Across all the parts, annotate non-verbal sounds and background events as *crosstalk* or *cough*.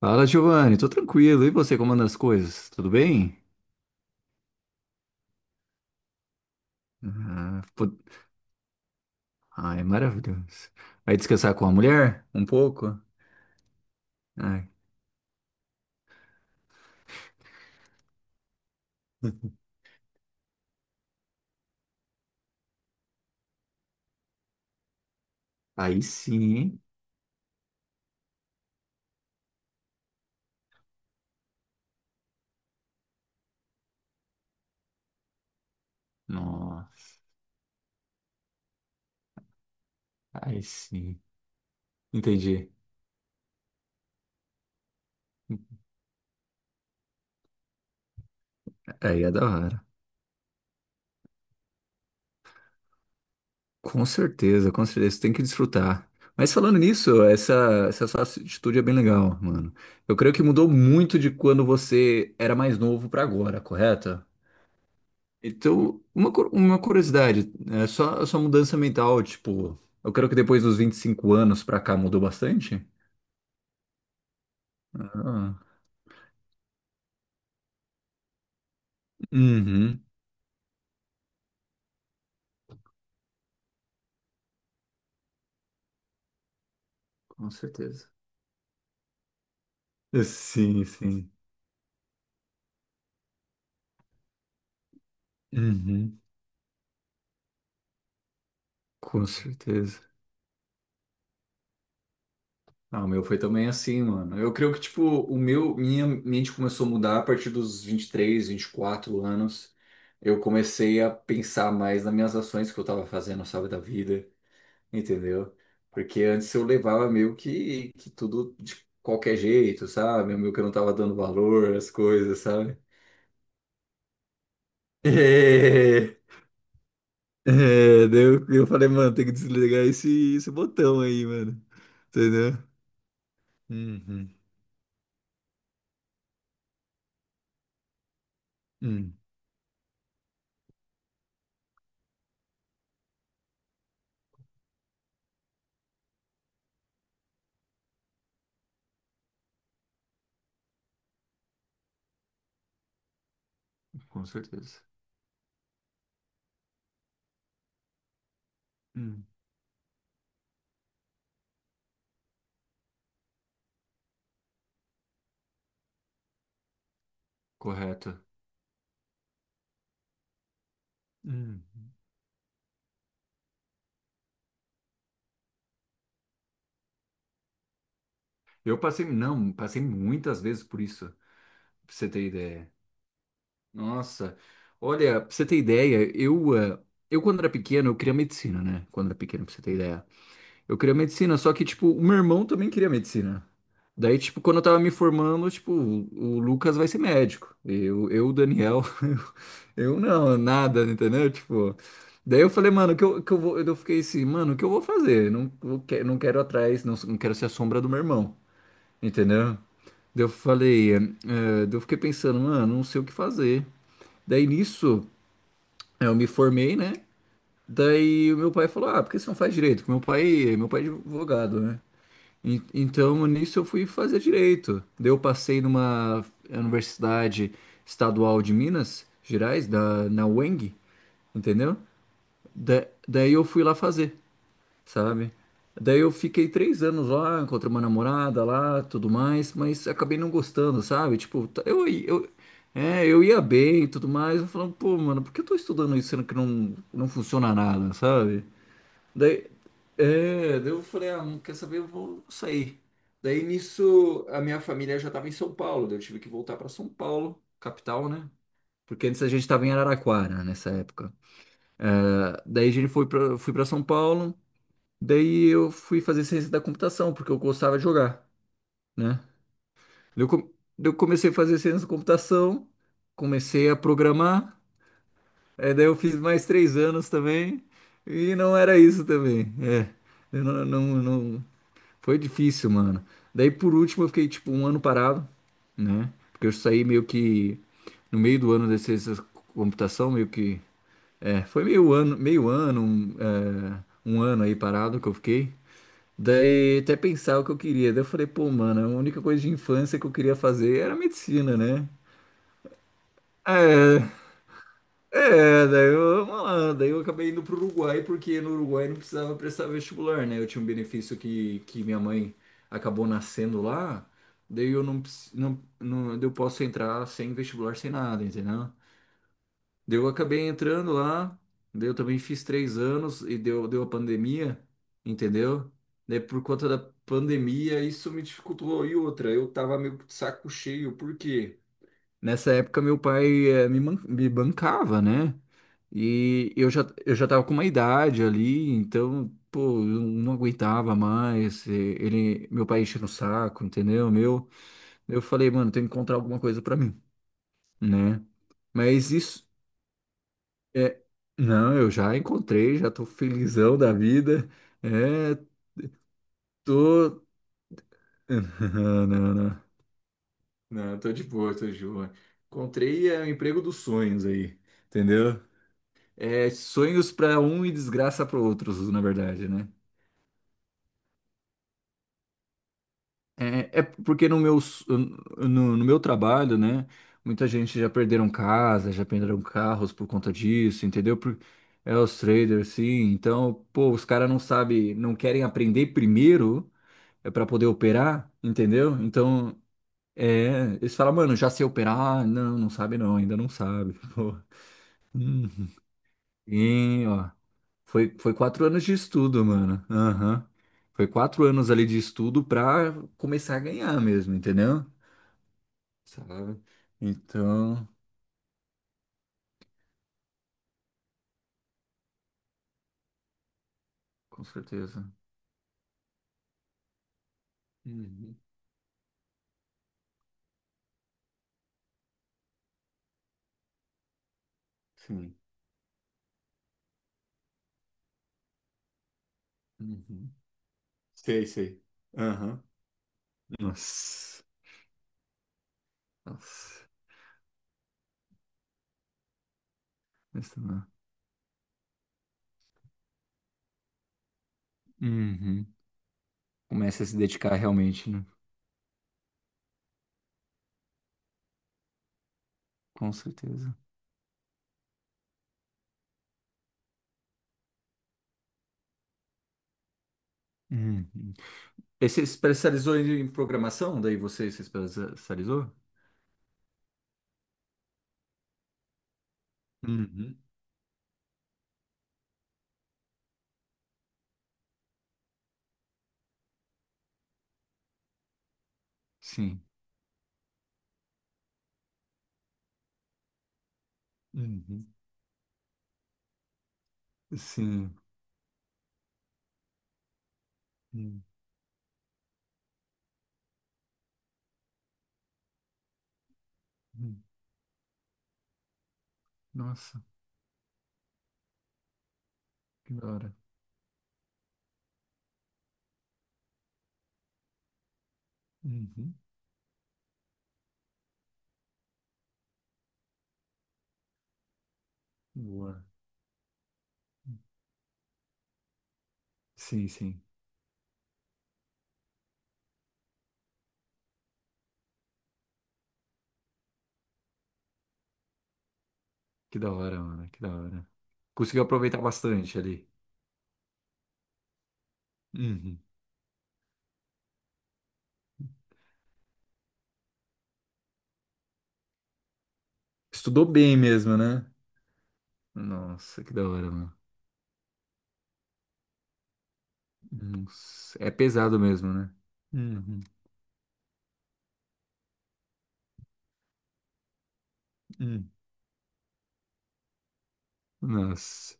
Fala, Giovanni, tô tranquilo. E você, como anda as coisas? Tudo bem? Ah, pô- Ai, maravilhoso. Vai descansar com a mulher? Um pouco? Ai. *laughs* Aí sim, hein? Nossa, aí sim. Entendi. Aí é da hora. Com certeza, você tem que desfrutar. Mas falando nisso, essa sua atitude é bem legal, mano. Eu creio que mudou muito de quando você era mais novo pra agora, correto? Então, uma curiosidade, é só a sua mudança mental, tipo, eu creio que depois dos 25 anos pra cá mudou bastante? Ah, uhum, com certeza. Sim, sim. Uhum, com certeza. Ah, o meu foi também assim, mano. Eu creio que, tipo, minha mente começou a mudar a partir dos vinte vinte e três vinte e quatro anos. Eu comecei a pensar mais nas minhas ações que eu tava fazendo, sabe, da vida. Entendeu? Porque antes eu levava meio que tudo de qualquer jeito, sabe? Meio que eu não tava dando valor às coisas, sabe? *laughs* É, é, daí eu falei, mano, tem que desligar esse botão aí, mano. Entendeu? Uhum. Hum, com certeza. Hum, correto. Hum. Eu passei, não, passei muitas vezes por isso, pra você ter ideia. Nossa, olha, pra você ter ideia, eu quando era pequeno, eu queria medicina, né? Quando era pequeno, pra você ter ideia. Eu queria medicina, só que, tipo, o meu irmão também queria medicina. Daí, tipo, quando eu tava me formando, tipo, o Lucas vai ser médico. Eu, o Daniel, *laughs* eu não, nada, entendeu? Tipo, daí eu falei, mano, que eu vou, eu fiquei assim, mano, o que eu vou fazer? Não, não quero atrás, não, não quero ser a sombra do meu irmão, entendeu? Daí eu falei, daí eu fiquei pensando, mano, não sei o que fazer. Daí nisso, eu me formei, né? Daí o meu pai falou, ah, por que você não faz direito? Porque meu pai é advogado, né? Então, nisso eu fui fazer direito. Daí eu passei numa universidade estadual de Minas Gerais, na UENG, entendeu? Daí eu fui lá fazer, sabe? Daí eu fiquei 3 anos lá, encontrei uma namorada lá, tudo mais, mas acabei não gostando, sabe? Tipo, eu ia bem e tudo mais, eu falando, pô, mano, por que eu tô estudando isso sendo que não funciona nada, sabe? Daí, daí eu falei, ah, não quer saber, eu vou sair. Daí nisso, a minha família já estava em São Paulo, daí eu tive que voltar para São Paulo, capital, né? Porque antes a gente estava em Araraquara nessa época. Ah, daí a gente foi para fui para São Paulo, daí eu fui fazer ciência da computação, porque eu gostava de jogar, né? Eu, com- eu comecei a fazer ciência da computação, comecei a programar, é, daí eu fiz mais 3 anos também, e não era isso também, é. Eu não, não, não. Foi difícil, mano. Daí por último eu fiquei tipo um ano parado, né? Porque eu saí meio que no meio do ano da ciência da computação, meio que. É, foi meio ano, um ano aí parado que eu fiquei. Daí até pensar o que eu queria. Daí eu falei, pô, mano, a única coisa de infância que eu queria fazer era medicina, né? É, É, daí eu, mano, daí eu acabei indo pro Uruguai, porque no Uruguai não precisava prestar vestibular, né? Eu tinha um benefício que minha mãe acabou nascendo lá, daí eu não, não, não, daí eu posso entrar sem vestibular, sem nada, entendeu? Daí eu acabei entrando lá, daí eu também fiz 3 anos e deu a pandemia, entendeu? Daí por conta da pandemia isso me dificultou. E outra, eu tava meio que de saco cheio, por quê? Nessa época meu pai me bancava, né? E eu já tava com uma idade ali, então, pô, eu não aguentava mais. E ele, meu pai enchendo o saco, entendeu? Meu, eu falei, mano, tem que encontrar alguma coisa pra mim, né? Mas isso é, não, eu já encontrei, já tô felizão da vida. É, tô *laughs* Não, não, não. Não, tô de boa, tô de boa. Encontrei é, o emprego dos sonhos aí, entendeu? É, sonhos pra um e desgraça para outros, na verdade, né? É, porque no meu trabalho, né? Muita gente já perderam casa, já perderam carros por conta disso, entendeu? É os traders, sim. Então, pô, os caras não sabem, não querem aprender primeiro é para poder operar, entendeu? Então, é, eles falam, mano, já sei operar. Não, não sabe não, ainda não sabe. *laughs* Pô. Hum. E, ó, foi 4 anos de estudo, mano. Aham. Foi 4 anos ali de estudo pra começar a ganhar mesmo, entendeu? Sabe? Então, com certeza. Uhum. Sim. Uhum. Sei, sei. Aham. Nossa. Nossa. Isso não. Uhum. Começa a se dedicar realmente, né? Com certeza. Uhum. E você especializou em programação? Daí você se especializou? Uhum. Sim. Uhum. Sim. Uhum. Nossa, que da hora. Uhum. Boa. Sim, sim. Que da hora, mano. Que da hora. Conseguiu aproveitar bastante ali. Uhum. Estudou bem mesmo, né? Nossa, que da hora, mano. Nossa, é pesado mesmo, né? Uhum. Uhum. Nossa,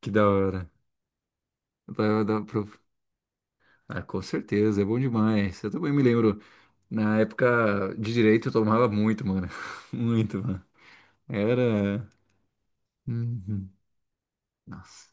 que da hora. Dá- dá pra- Ah, com certeza, é bom demais. Eu também me lembro, na época de direito eu tomava muito, mano. *laughs* Muito, mano. Era. Uhum. Nossa.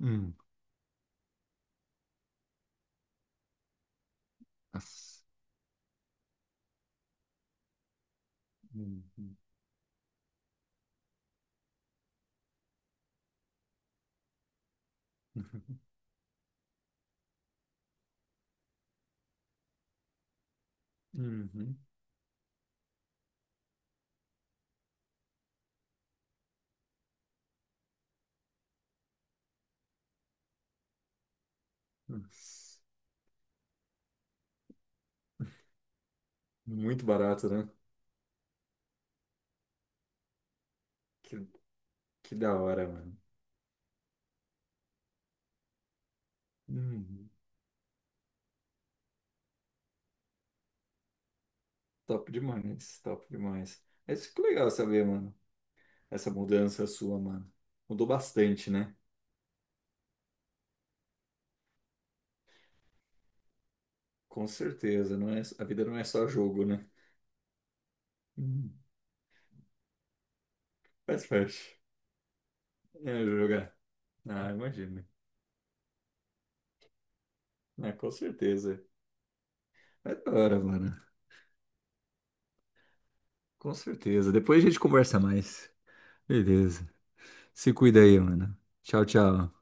Uhum. Nossa. Uhum. *laughs* Uhum. Nossa. Muito barato, né? Que, que da hora, mano. Uhum. Top demais, top demais. É isso que é legal saber, mano. Essa mudança sua, mano. Mudou bastante, né? Com certeza, não é, a vida não é só jogo, né? Uhum. Faz parte. É jogar. Ah, imagina. Ah, com certeza. É da hora, mano. Com certeza. Depois a gente conversa mais. Beleza. Se cuida aí, mano. Tchau, tchau.